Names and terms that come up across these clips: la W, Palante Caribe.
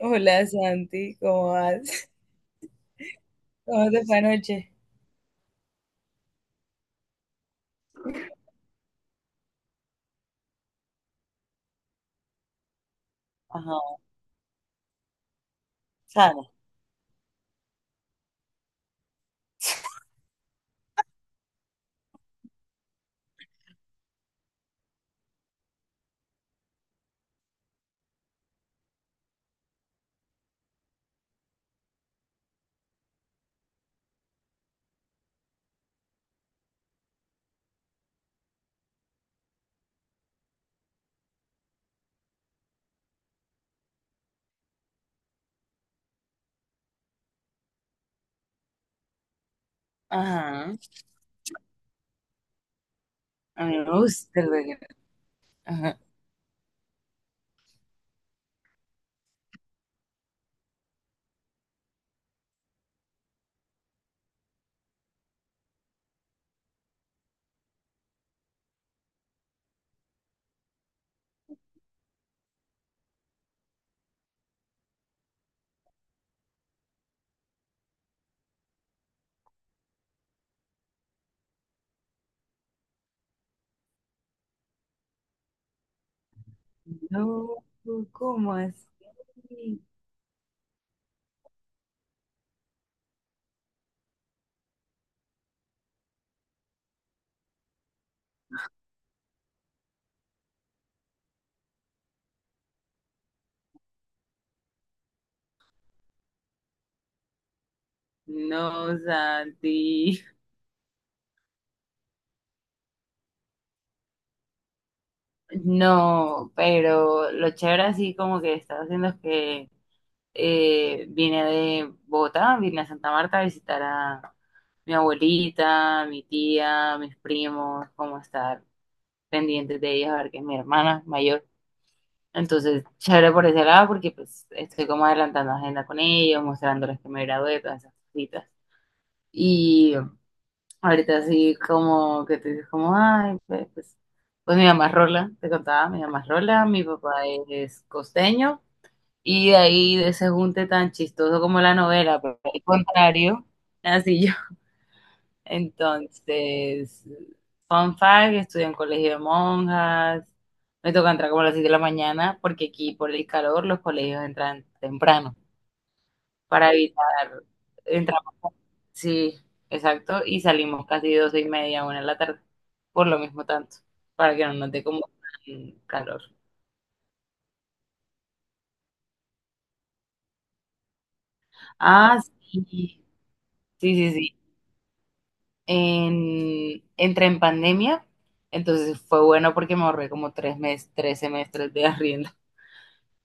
Hola Santi, ¿cómo vas? ¿Cómo te fue anoche? Ajá, Sara. Ajá, a mí me gusta el vallenato. Ajá. No, ¿cómo así? No, Santi. No, pero lo chévere así como que estaba haciendo es que vine de Bogotá, vine a Santa Marta a visitar a mi abuelita, mi tía, mis primos, como estar pendientes de ellos, a ver que es mi hermana mayor. Entonces, chévere por ese lado porque pues estoy como adelantando agenda con ellos, mostrándoles que me gradué, todas esas cositas. Y ahorita sí como que te dices como, ay, pues, pues mi mamá es Rola, te contaba, mi mamá es Rola, mi papá es costeño y de ahí de ese junte tan chistoso como la novela, pero al contrario, así entonces, fun fact, estudio en colegio de monjas. Me toca entrar como a las 7 de la mañana porque aquí por el calor los colegios entran temprano para evitar entrar. Sí, exacto. Y salimos casi 12 y media, una de la tarde. Por lo mismo tanto, para que no note como tan calor. Ah, sí, sí, sí, sí. Entré en pandemia, entonces fue bueno porque me ahorré como tres meses, tres semestres de arriendo.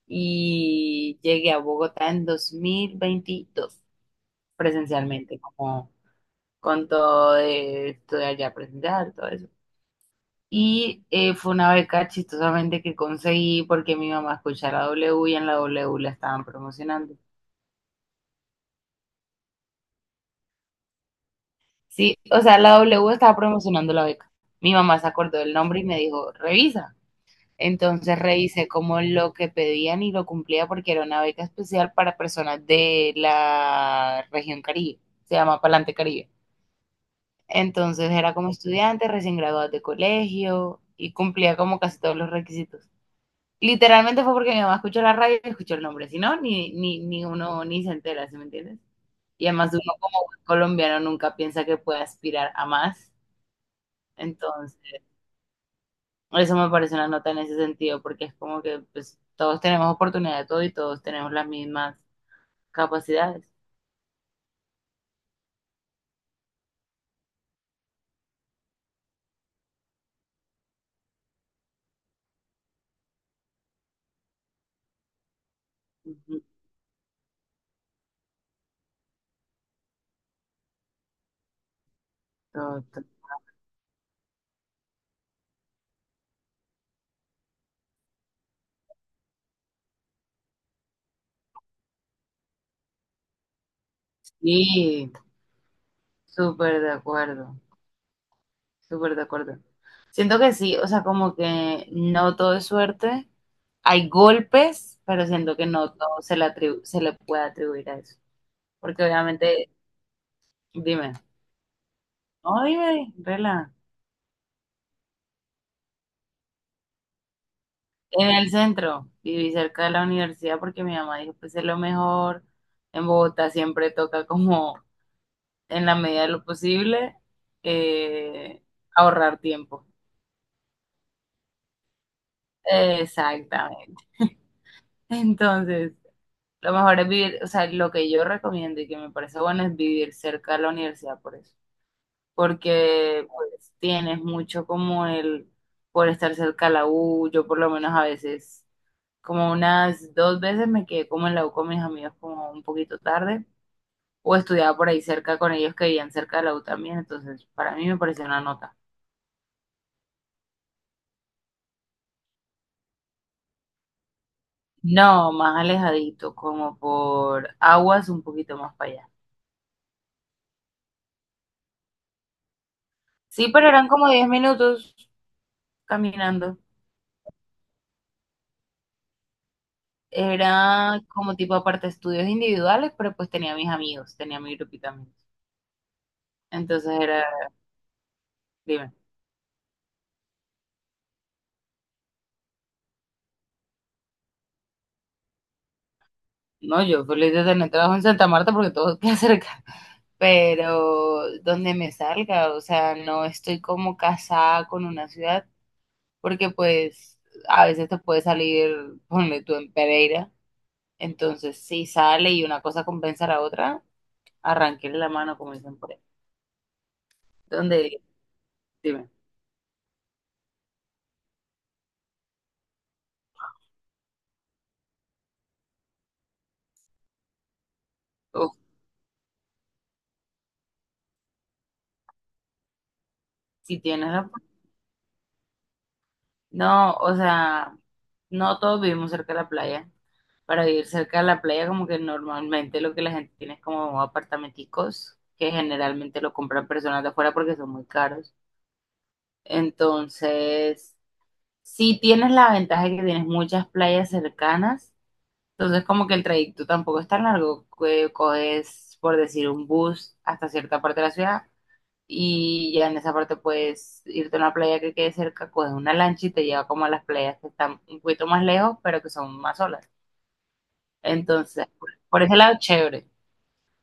Y llegué a Bogotá en 2022 presencialmente, como con todo de estudiar ya presencial, todo eso. Y fue una beca chistosamente que conseguí porque mi mamá escuchaba la W y en la W la estaban promocionando. Sí, o sea, la W estaba promocionando la beca. Mi mamá se acordó del nombre y me dijo, revisa. Entonces revisé como lo que pedían y lo cumplía porque era una beca especial para personas de la región Caribe. Se llama Palante Caribe. Entonces era como estudiante, recién graduado de colegio y cumplía como casi todos los requisitos. Literalmente fue porque mi mamá escuchó la radio y escuchó el nombre, si no, ni uno ni se entera, ¿sí me entiendes? Y además uno como buen colombiano nunca piensa que puede aspirar a más. Entonces, eso me parece una nota en ese sentido, porque es como que pues, todos tenemos oportunidad de todo y todos tenemos las mismas capacidades. Ujú. Todo- Sí, súper de acuerdo, súper de acuerdo. Siento que sí, o sea, como que no todo es suerte. Hay golpes, pero siento que no todo se le se le puede atribuir a eso. Porque obviamente, dime, no, dime, rela. En el centro, viví cerca de la universidad porque mi mamá dijo, pues es lo mejor. En Bogotá siempre toca como, en la medida de lo posible, eh, ahorrar tiempo. Exactamente. Entonces, lo mejor es vivir, o sea, lo que yo recomiendo y que me parece bueno es vivir cerca de la universidad por eso, porque pues tienes mucho como el, por estar cerca de la U, yo por lo menos a veces, como unas dos veces me quedé como en la U con mis amigos como un poquito tarde, o estudiaba por ahí cerca con ellos que vivían cerca de la U también, entonces para mí me pareció una nota. No, más alejadito, como por aguas un poquito más para allá. Sí, pero eran como 10 minutos caminando. Era como tipo aparte estudios individuales, pero pues tenía mis amigos, tenía mi grupito de amigos. Entonces era, dime, no, yo feliz de tener trabajo en Santa Marta porque todo queda cerca, pero donde me salga, o sea, no estoy como casada con una ciudad, porque pues a veces te puede salir, ponle tú en Pereira, entonces si sale y una cosa compensa a la otra, arranquéle la mano, como dicen por ahí. Donde, dime, uf, si tienes la no, o sea, no todos vivimos cerca de la playa. Para vivir cerca de la playa, como que normalmente lo que la gente tiene es como apartamenticos, que generalmente lo compran personas de afuera porque son muy caros. Entonces, sí tienes la ventaja de que tienes muchas playas cercanas, entonces como que el trayecto tampoco es tan largo, que coges, por decir, un bus hasta cierta parte de la ciudad y ya en esa parte puedes irte a una playa que quede cerca, coges una lancha y te lleva como a las playas que están un poquito más lejos, pero que son más solas. Entonces, por ese lado, chévere.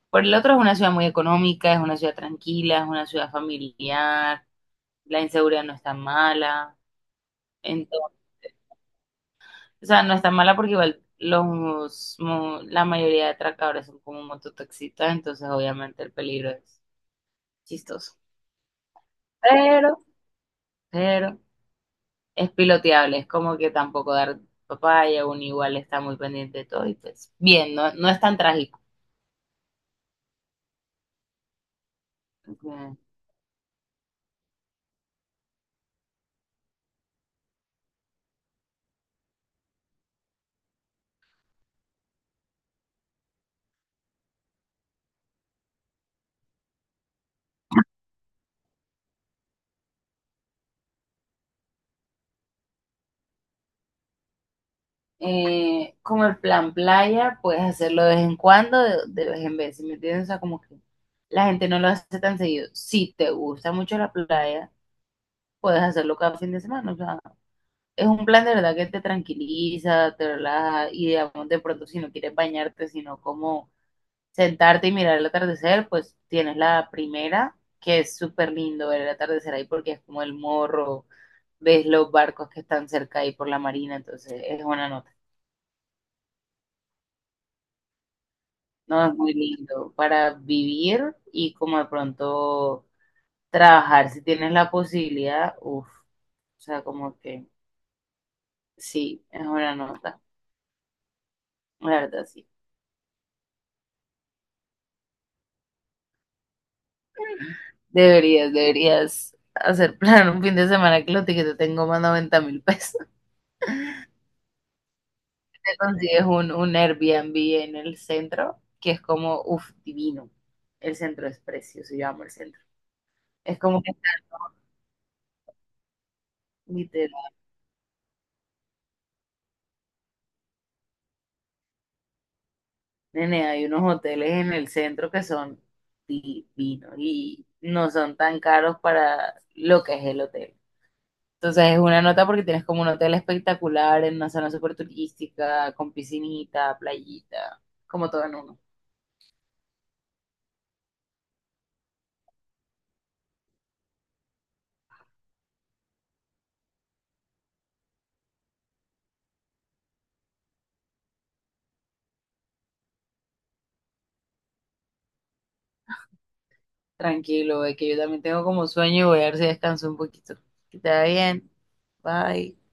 Por el otro, es una ciudad muy económica, es una ciudad tranquila, es una ciudad familiar, la inseguridad no es tan mala. Entonces, o sea, no es tan mala porque igual la mayoría de atracadores son como mototaxistas, entonces obviamente el peligro es chistoso. Pero, pero... Es piloteable, es como que tampoco dar papaya, uno igual está muy pendiente de todo y pues bien, no, no es tan trágico. Como el plan playa, puedes hacerlo de vez en cuando, de vez en vez, ¿sí me entiendes? O sea, como que la gente no lo hace tan seguido. Si te gusta mucho la playa, puedes hacerlo cada fin de semana, o sea, es un plan de verdad que te tranquiliza, te relaja y digamos de pronto si no quieres bañarte, sino como sentarte y mirar el atardecer, pues tienes la primera, que es súper lindo ver el atardecer ahí porque es como el morro, ves los barcos que están cerca ahí por la marina, entonces es una nota. No, es muy lindo para vivir y como de pronto trabajar, si tienes la posibilidad, uff, o sea, como que sí, es una nota, la verdad sí. Deberías hacer plan un fin de semana que los tickets te tengo más 90.000 pesos. Consigues un Airbnb en el centro, que es como, uff, divino. El centro es precioso, yo amo el centro. Es como que, literal, nene, hay unos hoteles en el centro que son divinos y no son tan caros para lo que es el hotel. Entonces es una nota porque tienes como un hotel espectacular en una zona súper turística, con piscinita, playita, como todo en uno. Tranquilo, ve que yo también tengo como sueño y voy a ver si descanso un poquito. Que te vaya bien. Bye.